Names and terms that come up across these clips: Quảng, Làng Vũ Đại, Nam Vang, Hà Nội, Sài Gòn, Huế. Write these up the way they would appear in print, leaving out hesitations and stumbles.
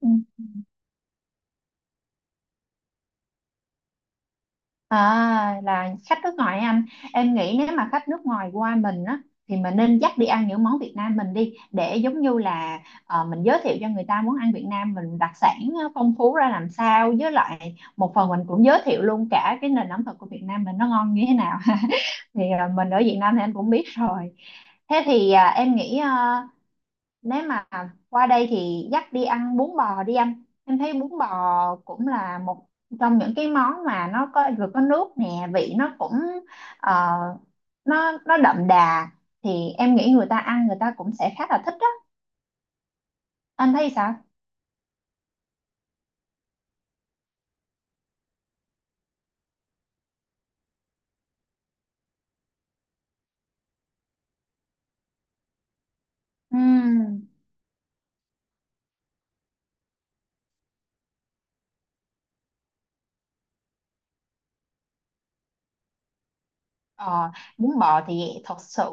Ừ. À, là khách nước ngoài anh, em nghĩ nếu mà khách nước ngoài qua mình á thì mình nên dắt đi ăn những món Việt Nam mình đi, để giống như là mình giới thiệu cho người ta món ăn Việt Nam mình đặc sản, phong phú ra làm sao, với lại một phần mình cũng giới thiệu luôn cả cái nền ẩm thực của Việt Nam mình nó ngon như thế nào. Thì mình ở Việt Nam thì anh cũng biết rồi. Thế thì em nghĩ nếu mà qua đây thì dắt đi ăn bún bò đi anh, em thấy bún bò cũng là một trong những cái món mà nó có, vừa có nước nè, vị nó cũng ờ, nó đậm đà, thì em nghĩ người ta ăn người ta cũng sẽ khá là thích đó. Anh thấy sao? Ừm. Ờ, bún bò thì thật sự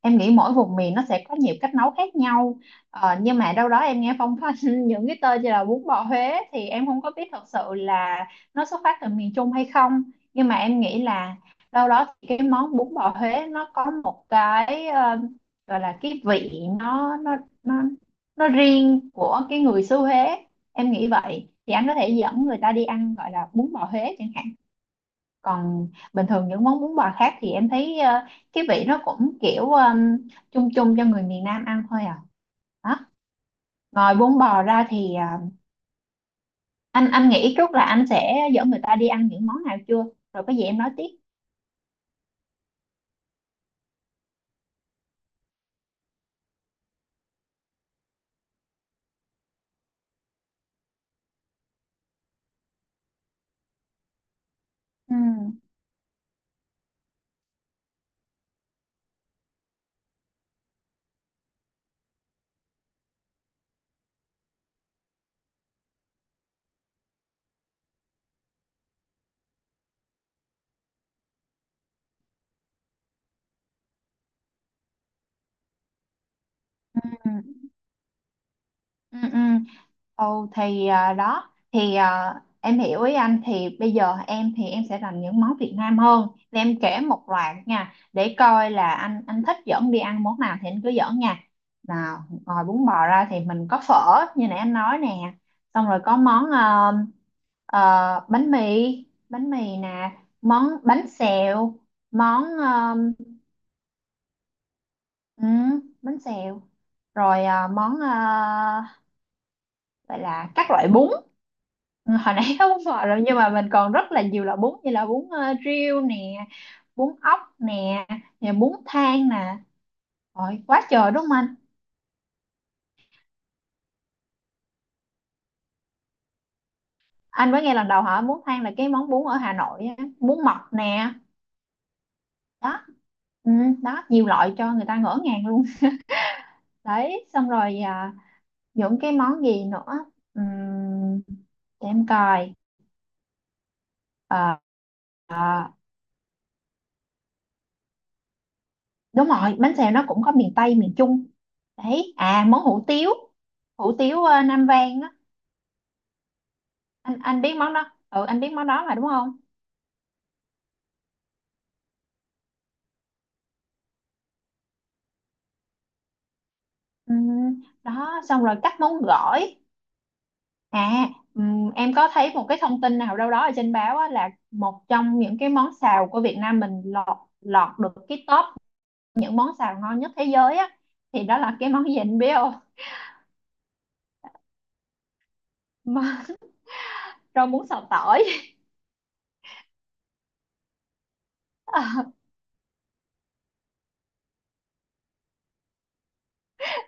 em nghĩ mỗi vùng miền nó sẽ có nhiều cách nấu khác nhau. Nhưng mà đâu đó em nghe phong phanh những cái tên như là bún bò Huế, thì em không có biết thật sự là nó xuất phát từ miền Trung hay không. Nhưng mà em nghĩ là đâu đó thì cái món bún bò Huế nó có một cái, gọi là cái vị, nó nó riêng của cái người xứ Huế, em nghĩ vậy. Thì anh có thể dẫn người ta đi ăn gọi là bún bò Huế chẳng hạn. Còn bình thường những món bún bò khác thì em thấy cái vị nó cũng kiểu chung chung cho người miền Nam ăn thôi à, đó. Ngoài bún bò ra thì anh nghĩ trước là anh sẽ dẫn người ta đi ăn những món nào chưa? Rồi có gì em nói tiếp. Ừ. Ừ, ừ. Ồ thì đó thì em hiểu ý anh. Thì bây giờ em, thì em sẽ làm những món Việt Nam hơn, thì em kể một loạt nha, để coi là anh thích dẫn đi ăn món nào thì anh cứ dẫn nha. Nào, ngoài bún bò ra thì mình có phở như nãy anh nói nè. Xong rồi có món, bánh mì, bánh mì nè, món bánh xèo, món ừ, bánh xèo. Rồi món vậy là các loại bún. Ừ, hồi nãy có bún bò rồi, nhưng mà mình còn rất là nhiều loại bún như là bún riêu nè, bún ốc nè, nè bún thang nè, rồi quá trời đúng không anh? Anh mới nghe lần đầu hỏi bún thang, là cái món bún ở Hà Nội á, bún mọc nè. Đó. Ừ, đó, nhiều loại cho người ta ngỡ ngàng luôn. Đấy, xong rồi những cái món gì nữa? Ừm, để em coi. Ờ, ờ, đúng rồi, bánh xèo nó cũng có miền Tây, miền Trung. Đấy, à, món hủ tiếu, hủ tiếu Nam Vang á. Anh biết món đó, ừ, anh biết món đó mà đúng không? Đó, xong rồi các món gỏi. À, em có thấy một cái thông tin nào đâu đó ở trên báo á, là một trong những cái món xào của Việt Nam mình lọt, lọt được cái top những món xào ngon nhất thế giới á. Thì đó là cái món gì anh biết không? Rau muống xào tỏi.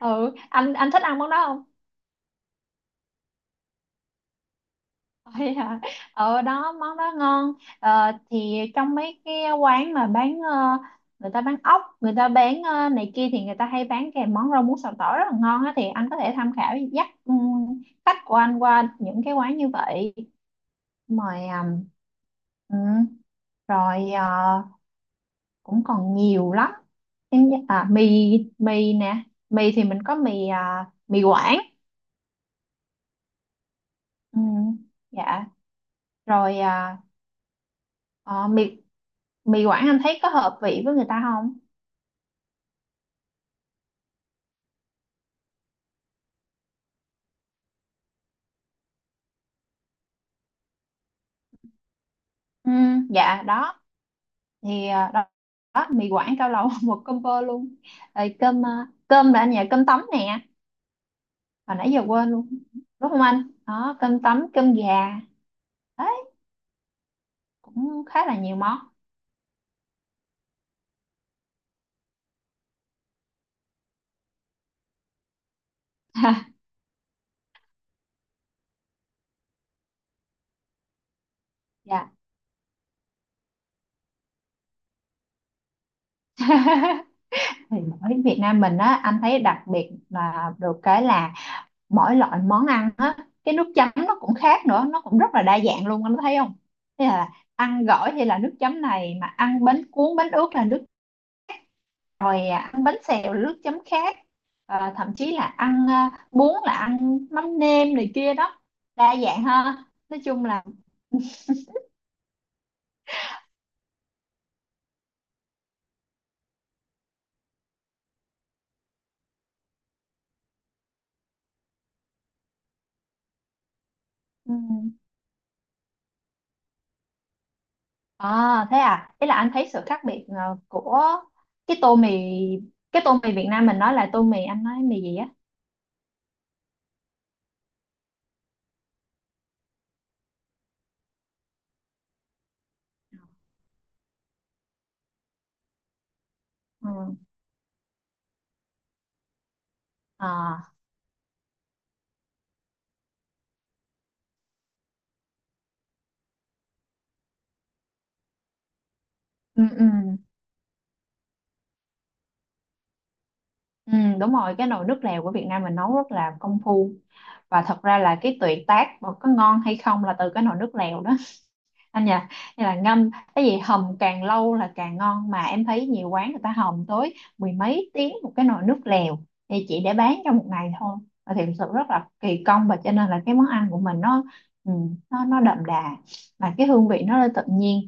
Ừ, anh thích ăn món đó không? Ôi ở đó món đó ngon. Ờ, thì trong mấy cái quán mà bán, người ta bán ốc, người ta bán này kia, thì người ta hay bán kèm món rau muống xào tỏi rất là ngon á. Thì anh có thể tham khảo dắt khách của anh qua những cái quán như vậy, mời ừ. Rồi cũng còn nhiều lắm. Em nhớ- mì, mì nè. Mì thì mình có mì mì Quảng. Ừ. Dạ. Rồi mì mì Quảng anh thấy có hợp vị với người ta không? Ừ, dạ, đó thì đó, đó, mì Quảng cao lầu một combo luôn. Rồi cơm, cơm là anh nhà cơm tấm nè, hồi nãy giờ quên luôn. Đúng không anh? Đó, cơm tấm, cơm gà. Đấy, cũng khá là nhiều món. Dạ. Thì ở Việt Nam mình á anh thấy đặc biệt là được cái là mỗi loại món ăn á cái nước chấm nó cũng khác nữa, nó cũng rất là đa dạng luôn, anh thấy không? Thế là ăn gỏi thì là nước chấm này, mà ăn bánh cuốn bánh ướt là nước, rồi ăn bánh xèo nước chấm khác. Ờ, thậm chí là ăn bún là ăn mắm nêm này kia đó. Đa dạng ha, nói chung là ừm, thế à. Thế là anh thấy sự khác biệt của cái tô mì, cái tô mì Việt Nam mình, nói là tô mì, anh nói mì gì á? Ừ. À, ừ, ừ, ừ, đúng rồi, cái nồi nước lèo của Việt Nam mình nấu rất là công phu, và thật ra là cái tuyệt tác mà có ngon hay không là từ cái nồi nước lèo đó, anh nhỉ? Như là ngâm cái gì, hầm càng lâu là càng ngon, mà em thấy nhiều quán người ta hầm tới mười mấy tiếng một cái nồi nước lèo, thì chỉ để bán trong một ngày thôi. Và thì thực sự rất là kỳ công, và cho nên là cái món ăn của mình nó, ừ, nó đậm đà, và cái hương vị nó lên tự nhiên,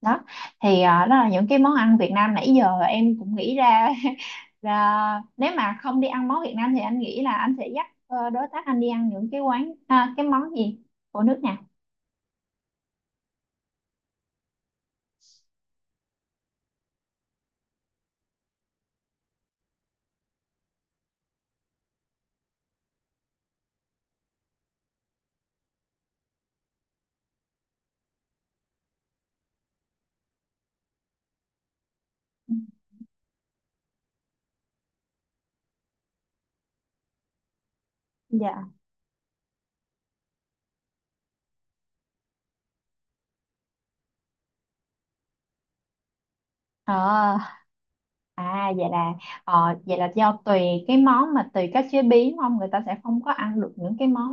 đó. Thì đó là những cái món ăn Việt Nam nãy giờ em cũng nghĩ ra. Là nếu mà không đi ăn món Việt Nam thì anh nghĩ là anh sẽ dắt đối tác anh đi ăn những cái quán cái món gì, của nước nào? Ừ. Dạ. Ờ. À vậy là vậy là do tùy cái món, mà tùy cách chế biến không, người ta sẽ không có ăn được những cái món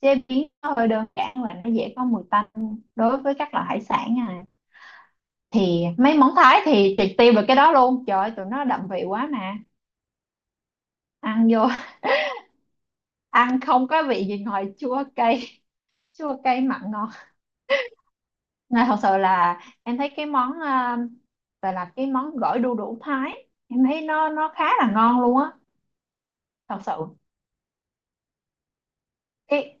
chế biến nó hơi đơn giản và nó dễ có mùi tanh đối với các loại hải sản à. Thì mấy món Thái thì triệt tiêu được cái đó luôn. Trời ơi, tụi nó đậm vị quá mà, ăn vô ăn không có vị gì ngoài chua cay. Chua cay mặn ngọt. Nên thật sự là em thấy cái món gọi là cái món gỏi đu đủ Thái, em thấy nó khá là ngon luôn á, thật sự. Cái,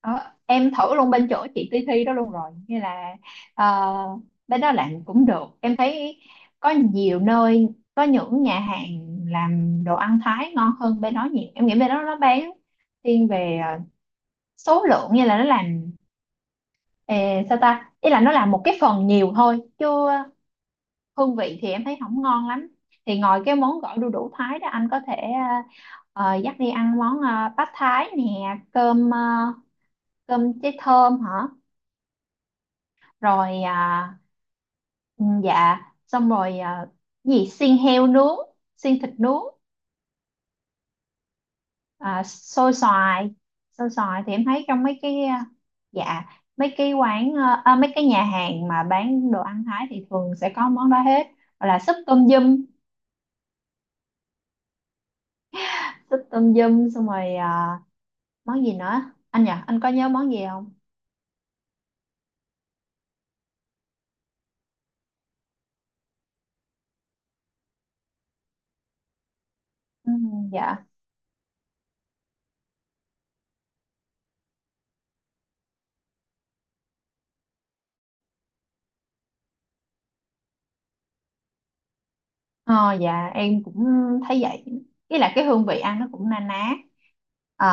ờ, em thử luôn bên chỗ chị Ti Thi đó luôn rồi, như là uh, bên đó làm cũng được em thấy. Có nhiều nơi, có những nhà hàng làm đồ ăn Thái ngon hơn bên đó nhiều. Em nghĩ bên đó nó bán thiên về số lượng, như là nó làm sao ta, ý là nó làm một cái phần nhiều thôi, chứ hương vị thì em thấy không ngon lắm. Thì ngoài cái món gỏi đu đủ Thái đó, anh có thể dắt đi ăn món bát Thái nè, cơm cơm cháy thơm hả. Rồi ừ, dạ. Xong rồi gì xiên heo nướng, xiên thịt nướng. À, xôi xoài. Xôi xoài thì em thấy trong mấy cái dạ, mấy cái quán mấy cái nhà hàng mà bán đồ ăn Thái thì thường sẽ có món đó hết. Hoặc là súp tôm dum, súp tôm dum. Xong rồi món gì nữa anh nhỉ, anh có nhớ món gì không? Ừ, dạ. Ờ, dạ em cũng thấy vậy, ý là cái hương vị ăn nó cũng na ná. Ờ,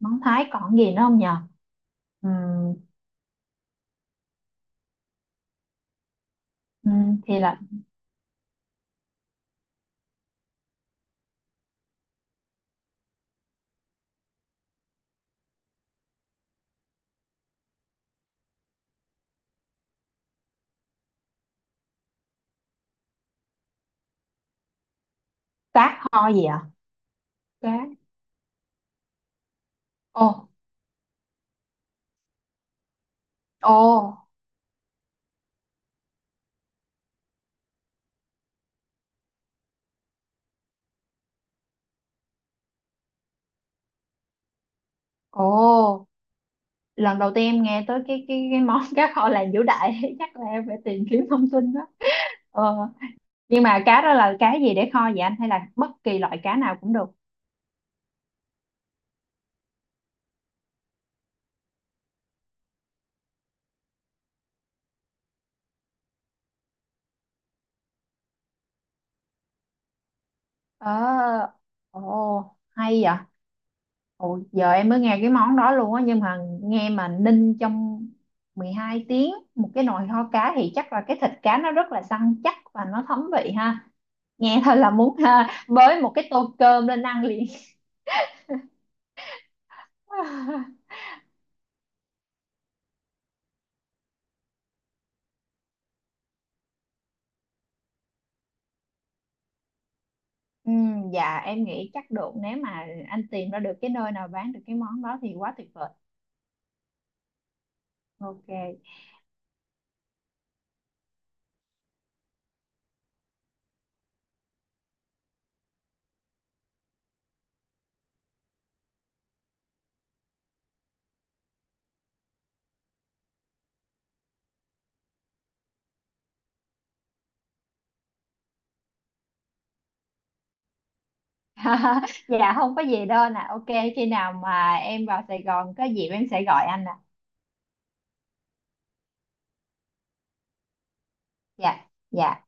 món Thái còn gì nữa không nhờ? Ừm, thì là cá kho gì ạ? Cá. Ồ, ồ, ồ. Lần đầu tiên em nghe tới cái món cá kho làng Vũ Đại. Chắc là em phải tìm kiếm thông tin đó. Ờ, nhưng mà cá đó là cá gì để kho vậy anh, hay là bất kỳ loại cá nào cũng được? Ờ, ồ, hay vậy. Ồ, giờ em mới nghe cái món đó luôn á. Nhưng mà nghe mà ninh trong 12 tiếng một cái nồi kho cá thì chắc là cái thịt cá nó rất là săn chắc và nó thấm vị ha. Nghe thôi là muốn ha, bới một cái tô cơm lên ăn liền. Ừ, dạ em nghĩ chắc được, nếu mà anh tìm ra được cái nơi nào bán được cái món đó thì quá tuyệt vời. OK. Dạ không có gì đâu nè. OK, khi nào mà em vào Sài Gòn có dịp em sẽ gọi anh nè. Dạ. Dạ.